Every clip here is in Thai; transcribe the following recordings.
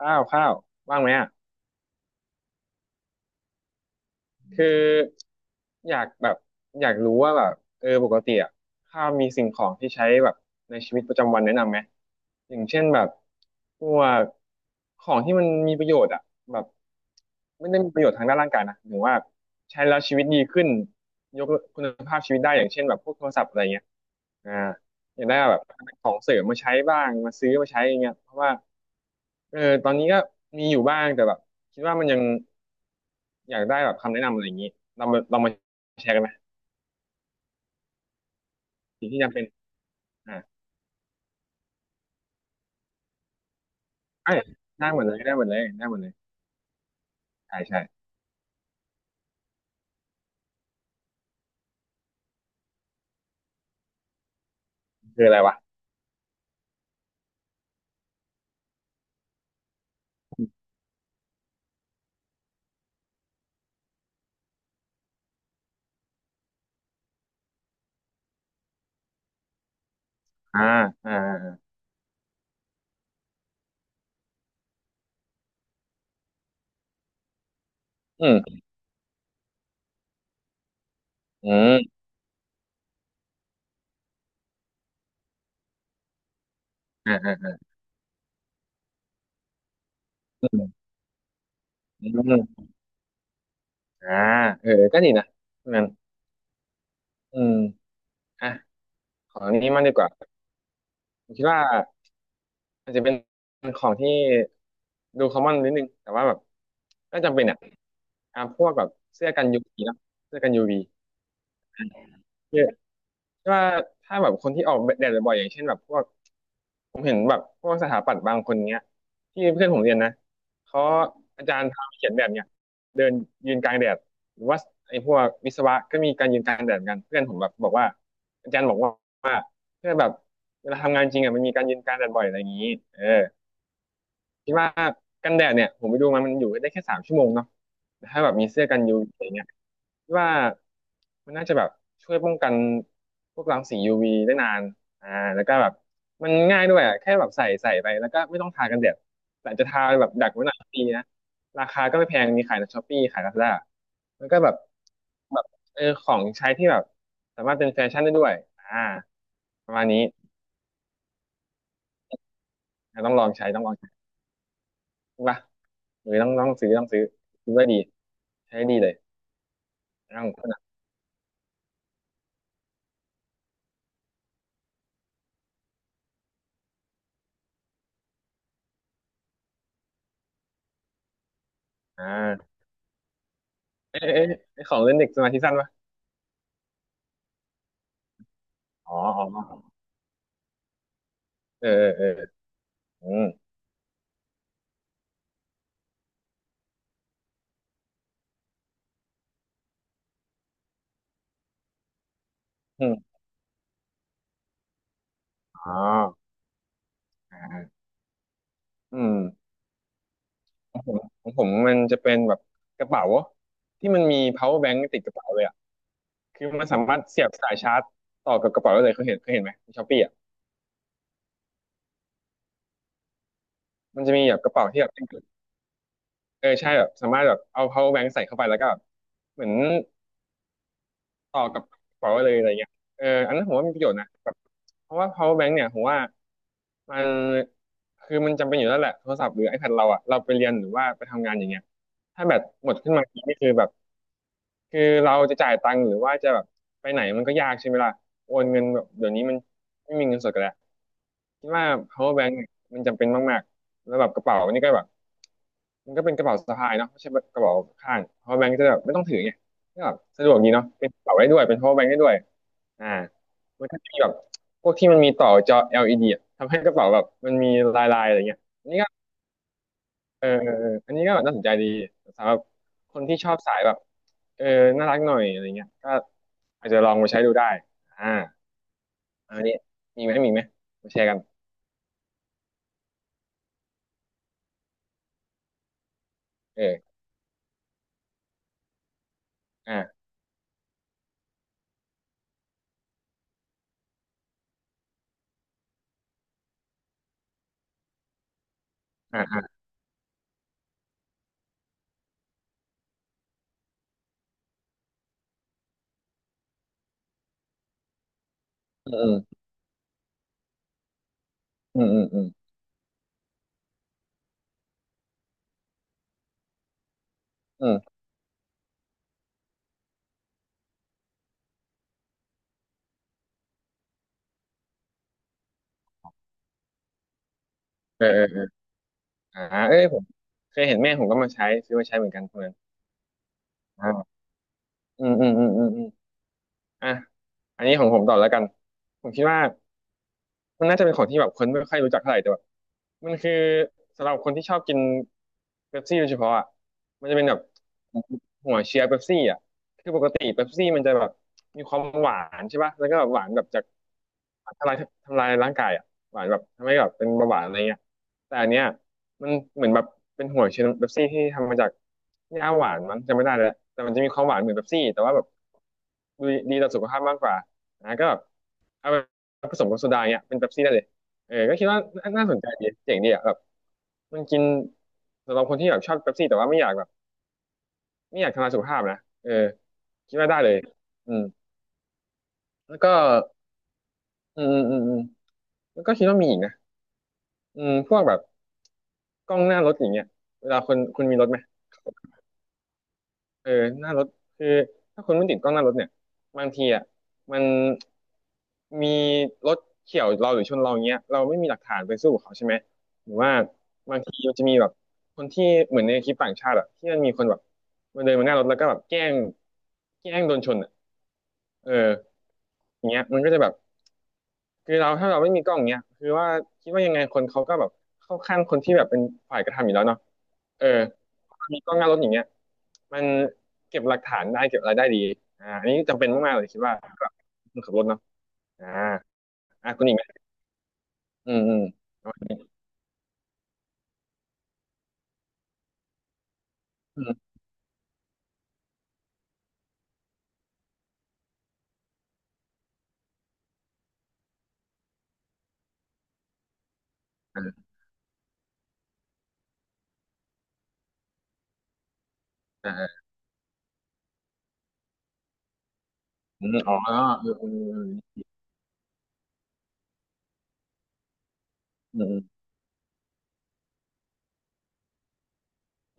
ข้าวข้าวว่างไหมอ่ะคืออยากแบบอยากรู้ว่าแบบเออปกติอ่ะข้าวมีสิ่งของที่ใช้แบบในชีวิตประจำวันแนะนำไหมอย่างเช่นแบบพวกของที่มันมีประโยชน์อ่ะแบบไม่ได้มีประโยชน์ทางด้านร่างกายนะหรือว่าใช้แล้วชีวิตดีขึ้นยกคุณภาพชีวิตได้อย่างเช่นแบบพวกโทรศัพท์อะไรเงี้ยอ่าอยากได้แบบของเสริมมาใช้บ้างมาซื้อมาใช้อย่างเงี้ยเพราะว่าเออตอนนี้ก็มีอยู่บ้างแต่แบบคิดว่ามันยัง อยากได้แบบคำแนะนำอะไรอย่างนี้เรามาแชร์กันไหมสิ่งที่จำเป็นอ่าเอ้ยได้หมดเลยได้หมดเลยได้หมดเลยใช่ใช่คืออะไรวะอ่าอ่าอาอืมอืมอืมอืมอ่าเออก็ดีนะนั่นอืมอ่ะของนี้มากดีกว่าผมคิดว่าอาจจะเป็นของที่ดูคอมมอนนิดนึงแต่ว่าแบบก็จำเป็นอ่ะอ่าพวกแบบเสื้อกันยูวีเนาะเสื้อกันยูวีเยอะว่าถ้าแบบคนที่ออกแดดบ่อยๆอย่างเช่นแบบพวก ผมเห็นแบบพวกสถาปัตย์บางคนเนี้ยที่เพื่อนผมเรียนนะเขาอาจารย์ทำเขียนแบบเนี้ยเดินยืนกลางแดดหรือว่าไอ้พวกวิศวะก็มีการยืนกลางแดดเหมือนกันเพื่อนผมแบบบอกว่าอาจารย์บอกว่าว่าเพื่อนแบบเวลาทำงานจริงอ่ะมันมีการยืนกลางแดดบ่อยอะไรอย่างนี้เออ คิดว่ากันแดดเนี่ยผมไปดูมันมันอยู่ได้แค่สามชั่วโมงเนาะแต่ถ้าแบบมีเสื้อกันยูวีอะไรเงี้ยคิดว่ามันน่าจะแบบช่วยป้องกันพวกรังสี UV ได้นานอ่าแล้วก็แบบมันง่ายด้วยอะแค่แบบใส่ไปแล้วก็ไม่ต้องทากันแดดแต่จะทาแบบดักไว้หน่อยก็ดีนะราคาก็ไม่แพงมีขายในช้อปปี้ขายลาซาด้าแล้วก็แบบแบบเออของใช้ที่แบบสามารถเป็นแฟชั่นได้ด้วยอ่าประมาณนี้ต้องลองใช้ต้องลองใช้ใช่ปะ เลอต้องซื้อต้องซื้อซื้อไว้ดีใช้ดีเลยร่างคนอ่ะอ่าไอของเล่นเด็กสมาธิสั้นปะอ๋ออ๋อเออเออเอออืมอืมอ๋ออ่าอืมของผมมันจะเป็นแบบกระเป๋าที่มันมี power bank ติดกระเป๋าเลยอ่ะคือมันสามารถเสียบสายชาร์จต่อกับกระเป๋าได้เลยเคยเห็นเคยเห็นไหมในช้อปปี้อ่ะมันจะมีแบบกระเป๋าที่แบบเเออใช่แบบสามารถแบบเอา power bank ใส่เข้าไปแล้วก็แบบเหมือนต่อกับกระเป๋าได้เลยอะไรเงี้ยเอออันนั้นผมว่ามีประโยชน์นะ เพราะว่า power bank เนี่ยผมว่ามันคือมันจำเป็นอยู่แล้วแหละโทรศัพท์หรือ iPad เราอะเราไปเรียนหรือว่าไปทำงานอย่างเงี้ยถ้าแบตหมดขึ้นมาทีนี่คือแบบคือเราจะจ่ายตังค์หรือว่าจะแบบไปไหนมันก็ยากใช่ไหมล่ะโอนเงินแบบเดี๋ยวนี้มันไม่มีเงินสดกันแล้วคิดว่า power bank เนี่ยมันจำเป็นมากๆแล้วแบบกระเป๋านี่ก็แบบ มันก็เป็นกระเป๋าสะพายเนาะไม่ใช่กระเป๋าข้างเพราะแบงค์จะแบบไม่ต้องถือไงก็แบบสะดวกดีเนาะเป็นกระเป๋าได้ด้วยเป็น power bank ได้ด้วยอ่ามันก็จะมีแบบพวกที่มันมีต่อจอ LED อลอีดีอะทำให้กระเป๋าแบบมันมีลายๆอะไรเงี้ยอันนี้ก็เออเออเอออันนี้ก็แบบน่าสนใจดีสำหรับคนที่ชอบสายแบบเออน่ารักหน่อยอะไรเงี้ยก็อาจจะลองมาใช้ดูได้อ่าอันนี้มีไหมมีไหมมาแชร์กันเอออ่าอ่าอ่าอืมอืมอืมอืมอืมเออเออ อ่าเอ้ยผมเคยเห็นแม่ผมก็มาใช้ซื้อมาใช้เหมือนกันคนนั้นอ่าอืมอืมอืมอืมอมอ่ะอันนี้ของผมต่อแล้วกัน ผมคิดว่า มันน่าจะเป็นของที่แบบคนไม่ค่อยรู้จักเท่าไหร่แต่แบบมันคือสำหรับคนที่ชอบกินเป๊ปซี่โดยเฉพาะอ่ะมันจะเป็นแบบหัวเชียร์เป๊ปซี่อ่ะคือปกติเป๊ปซี่มันจะแบบมีความหวานใช่ป่ะแล้วก็แบบหวานแบบจากทำลายทำลายร่างกายอ่ะหวานแบบทำให้แบบเป็นเบาหวานอะไรเงี้ยแต่อันเนี้ยมันเหมือนแบบเป็นหัวเชียร์เป๊ปซี่ที่ทำมาจากหญ้าหวานมันจำไม่ได้แล้วแต่มันจะมีความหวานเหมือนเป๊ปซี่แต่ว่าแบบดีต่อสุขภาพมากกว่านะก็แบบเอา ผสมกับโซดาเนี่ยเป็นเป๊ปซี่ได้เลยเออก็คิดว่าน่าสนใจดีเจ๋งดีอ่ะแบบมันกินสำหรับคนที่แบบชอบเป๊ปซี่แต่ว่าไม่อยากแบบไม่อยากทำลายสุขภาพนะเออคิดว่าได้เลยอืมแล้วก็อืมอืมอืมแล้วก็คิดว่ามีอีกนะอืมพวกแบบกล้องหน้ารถอย่างเงี้ยเวลาคนคุณมีรถไหม เออหน้ารถคือถ้าคุณไม่ติดกล้องหน้ารถเนี่ยบางทีอ่ะมันมีรถเฉี่ยวเราหรือชนเราอย่างเงี้ยเราไม่มีหลักฐานไปสู้กับเขาใช่ไหมหรือว่าบางทีมันจะมีแบบคนที่เหมือนในคลิปต่างชาติอ่ะที่มันมีคนแบบมันเดินมาหน้ารถแล้วก็แบบแกล้งโดนชนอ่ะเอออย่างเงี้ยมันก็จะแบบ คือเราถ้าเราไม่มีกล้องเนี้ยคือว่าคิดว่ายังไงคนเขาก็แบบเข้าข้างคนที่แบบเป็นฝ่ายกระทำอยู่แล้วเนาะเออมีกล้องหน้ารถอย่างเงี้ยมันเก็บหลักฐานได้เก็บอะไรได้ดีอ่าอันนี้จำเป็นมากๆเลยคิดว่าสำหรับคนขับรถเนาะอ่าอ่าคุณอีกไหมอืมอืมอืมอ่าอ่าอืมอ๋อเออเอออืม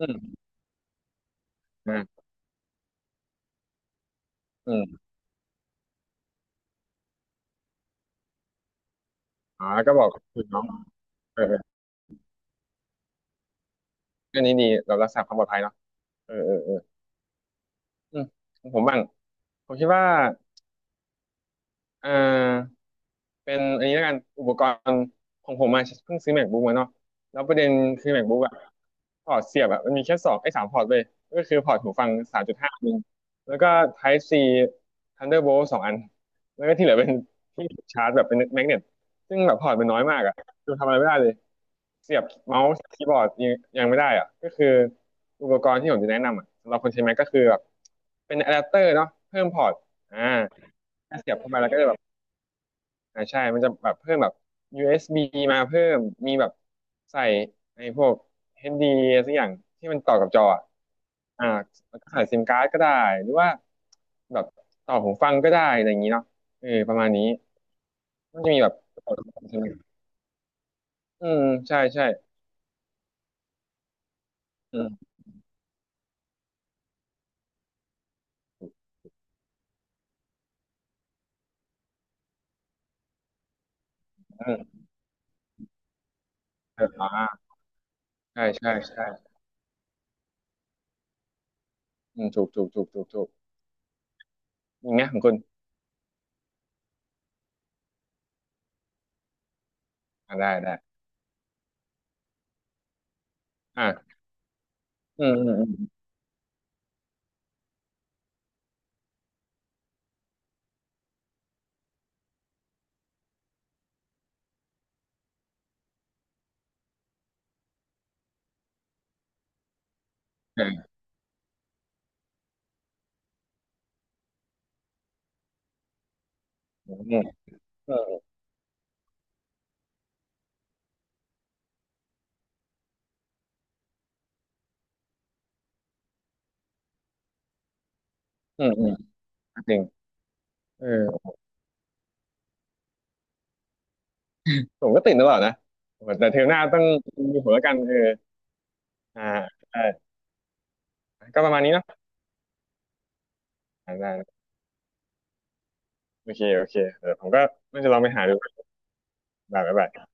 อืมอืมอาอืมอ๋อก็บอกคุณน้องเออเออเรื่องนี้ดีเรารักษาความปลอดภัยเนาะเออเออเอออืมของผมบ้างผมคิดว่าเออ เป็นอันนี้แล้วกันอุปกรณ์ของผมมาเพิ่งซื้อ MacBook มาเนาะแล้วประเด็นคือ MacBook อะพอร์ตเสียบอะมันมีแค่สองไอ้สามพอร์ตเลยก็คือพอร์ตหูฟังสามจุดห้านึงแล้วก็ Type C Thunderbolt สองอันแล้วก็ที่เหลือเป็นที่ชาร์จแบบเป็นแมกเนตซึ่งแบบพอร์ตมันน้อยมากอะคือทำอะไรไม่ได้เลยเสียบเมาส์คีย์บอร์ดยังไม่ได้อะก็คืออุปกรณ์ที่ผมจะแนะนำอะสำหรับคนใช้ Mac ก็คือแบบเป็นอะแดปเตอร์เนาะเพิ่มพอร์ตอ่าเสียบเข้าไปแล้วก็จะแบบ อ่าใช่มันจะแบบเพิ่มแบบ USB มาเพิ่มมีแบบใส่ไอ้พวก HD สักอย่างที่มันต่อกับจออะอ่าแล้วก็ใส่ซิมการ์ดก็ได้หรือว่าแบบต่อหูฟังก็ได้อะไรอย่างนี้เนาะเออประมาณนี้มันจะมีแบบต่อใช่ไหมอืมใช่ใช่อืมอืมเอออ่าใช่ใช่ใช่อืมถูกถูกถูกถูกถูกอีกไหมของคุณอ่าได้ได้อ่าอืมอืมอืมเอออืมอืมอืมอืมจริงเออ ผมก็ติดตลอดนะแต่เทอมหน้าต้องมีผมแล้วกันเอออ่าได้ก็ประมาณนี้เนาะอ่าได้โอเคโอเคเดี๋ยวผมก็น่าจะลองไปหาดูบ๊ายบาย